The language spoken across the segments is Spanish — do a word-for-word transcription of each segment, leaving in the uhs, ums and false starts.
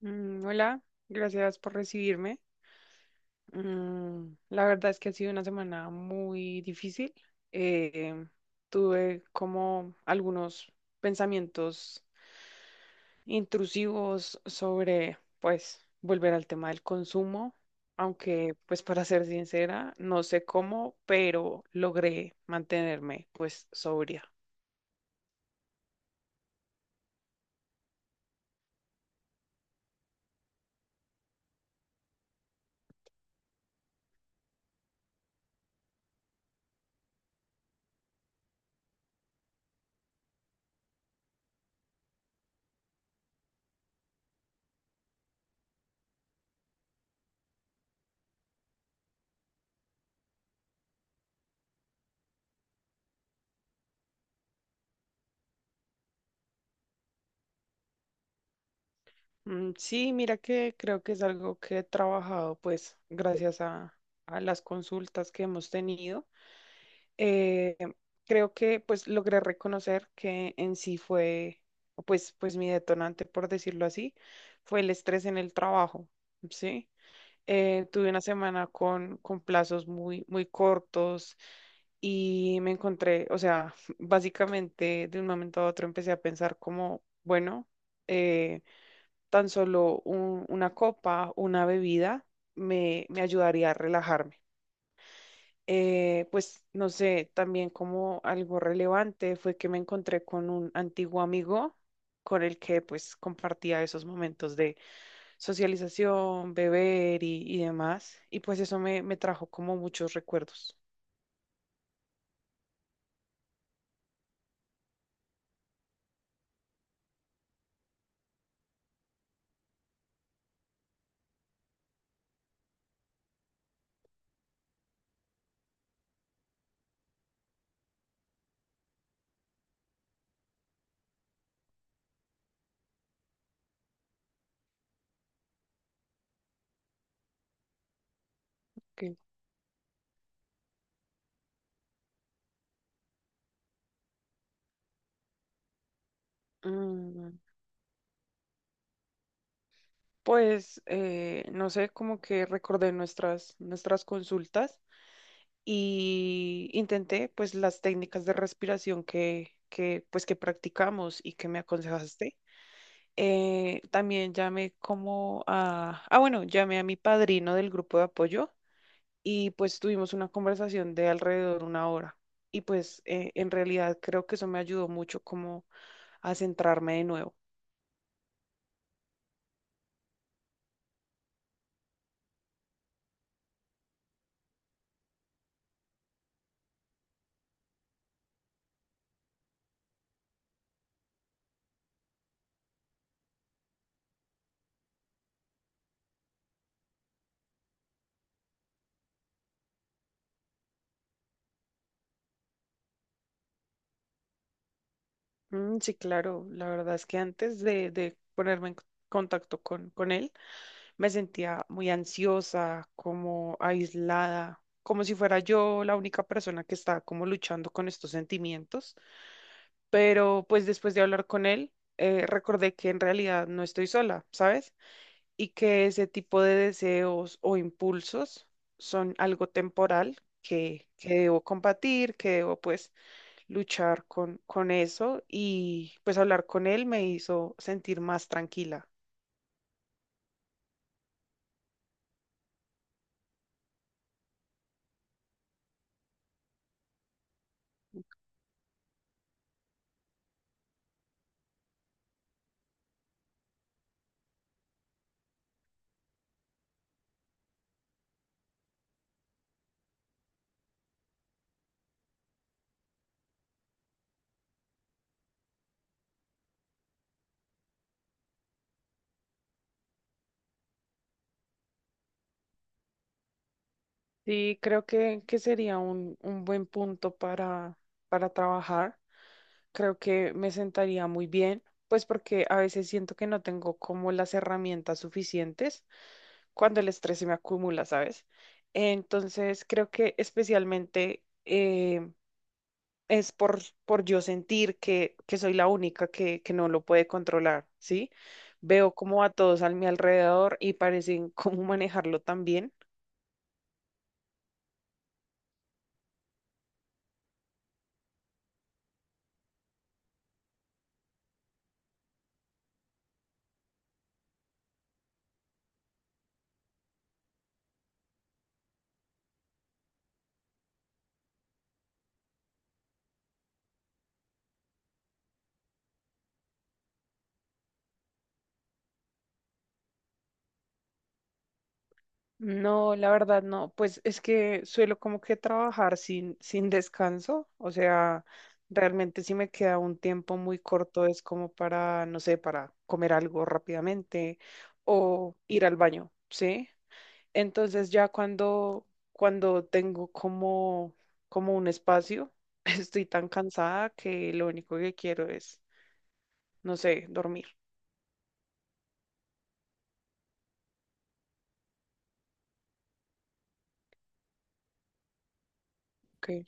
Mm, hola, gracias por recibirme. Mm, la verdad es que ha sido una semana muy difícil. Eh, Tuve como algunos pensamientos intrusivos sobre, pues, volver al tema del consumo, aunque, pues, para ser sincera, no sé cómo, pero logré mantenerme, pues, sobria. Mm, sí, mira que creo que es algo que he trabajado, pues, gracias a a las consultas que hemos tenido. eh, Creo que pues logré reconocer que en sí fue, o pues, pues mi detonante, por decirlo así, fue el estrés en el trabajo, ¿sí? Eh, tuve una semana con, con plazos muy, muy cortos y me encontré, o sea, básicamente de un momento a otro empecé a pensar como, bueno, eh, tan solo un- una copa, una bebida, me, me ayudaría a relajarme. Eh, pues no sé, también como algo relevante fue que me encontré con un antiguo amigo con el que pues compartía esos momentos de socialización, beber y, y demás. Y pues eso me, me trajo como muchos recuerdos. que, mm, pues eh, no sé, como que recordé nuestras, nuestras consultas y intenté pues las técnicas de respiración que, que pues que practicamos y que me aconsejaste. Eh, también llamé como a, ah, bueno, llamé a mi padrino del grupo de apoyo y pues tuvimos una conversación de alrededor una hora. Y pues eh, en realidad creo que eso me ayudó mucho como a centrarme de nuevo. Mm, sí, claro, la verdad es que antes de, de ponerme en c- contacto con, con él, me sentía muy ansiosa, como aislada, como si fuera yo la única persona que estaba como luchando con estos sentimientos. Pero pues después de hablar con él, eh, recordé que en realidad no estoy sola, ¿sabes? Y que ese tipo de deseos o impulsos son algo temporal que, que debo combatir, que debo pues luchar con, con eso y pues hablar con él me hizo sentir más tranquila. Sí, creo que, que sería un, un buen punto para, para trabajar. Creo que me sentaría muy bien, pues porque a veces siento que no tengo como las herramientas suficientes cuando el estrés se me acumula, ¿sabes? Entonces, creo que especialmente eh, es por, por yo sentir que, que soy la única que, que no lo puede controlar, ¿sí? Veo como a todos a mi alrededor y parecen cómo manejarlo también. No, la verdad no, pues es que suelo como que trabajar sin, sin descanso, o sea, realmente si me queda un tiempo muy corto es como para, no sé, para comer algo rápidamente o ir al baño, ¿sí? Entonces ya cuando, cuando tengo como, como un espacio, estoy tan cansada que lo único que quiero es, no sé, dormir. Ok.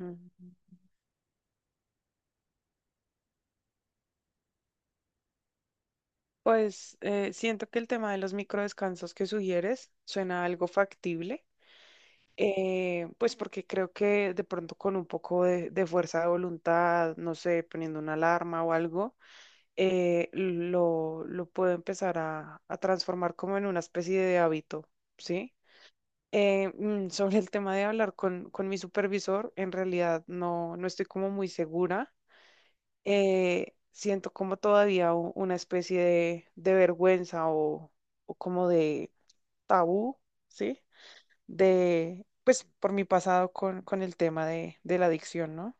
Ujú. Pues eh, siento que el tema de los microdescansos que sugieres suena algo factible, eh, pues porque creo que de pronto con un poco de, de fuerza de voluntad, no sé, poniendo una alarma o algo, eh, lo, lo puedo empezar a, a transformar como en una especie de hábito, ¿sí? Eh, mm, sobre el tema de hablar con, con mi supervisor, en realidad no, no estoy como muy segura, eh, siento como todavía u- una especie de, de vergüenza o, o como de tabú, ¿sí? De, pues por mi pasado con, con el tema de, de la adicción, ¿no?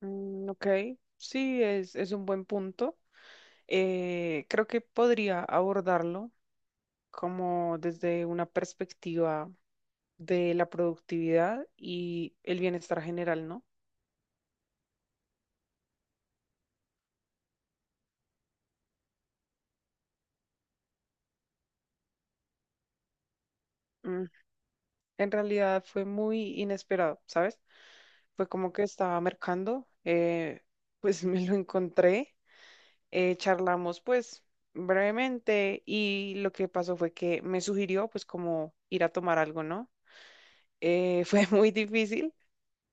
Mm, ok, sí, es, es un buen punto. Eh, creo que podría abordarlo como desde una perspectiva de la productividad y el bienestar general, ¿no? Mm, en realidad fue muy inesperado, ¿sabes? Fue como que estaba mercando, eh, pues me lo encontré, eh, charlamos pues brevemente y lo que pasó fue que me sugirió pues como ir a tomar algo, ¿no? Eh, fue muy difícil,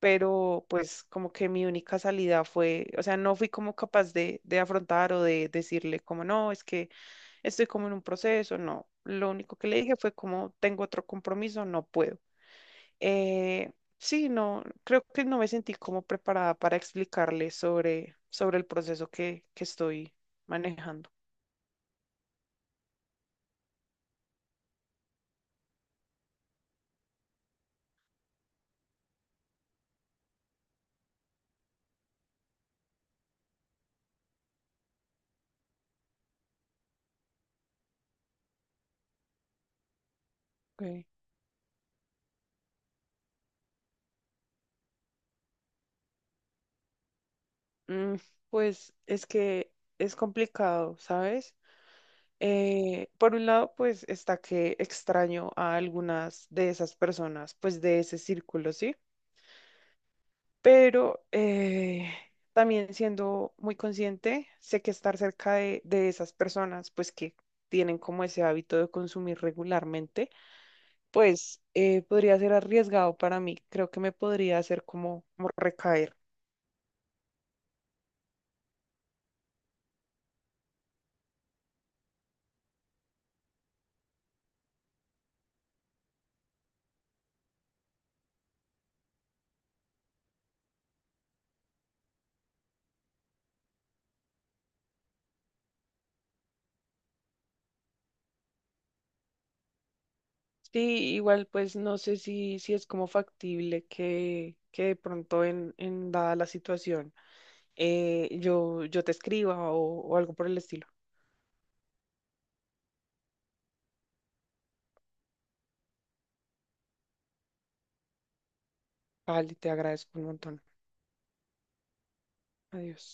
pero pues como que mi única salida fue, o sea, no fui como capaz de, de afrontar o de decirle como no, es que estoy como en un proceso, no, lo único que le dije fue como tengo otro compromiso, no puedo. Eh, sí, no, creo que no me sentí como preparada para explicarle sobre, sobre el proceso que, que estoy manejando. Ok. Mm, pues es que es complicado, ¿sabes? Eh, por un lado, pues está que extraño a algunas de esas personas, pues de ese círculo, ¿sí? Pero eh, también siendo muy consciente, sé que estar cerca de, de esas personas, pues que tienen como ese hábito de consumir regularmente pues eh, podría ser arriesgado para mí. Creo que me podría hacer como, como recaer. Sí, igual pues no sé si, si es como factible que, que de pronto en, en dada la situación, eh, yo, yo te escriba o, o algo por el estilo. Vale, te agradezco un montón. Adiós.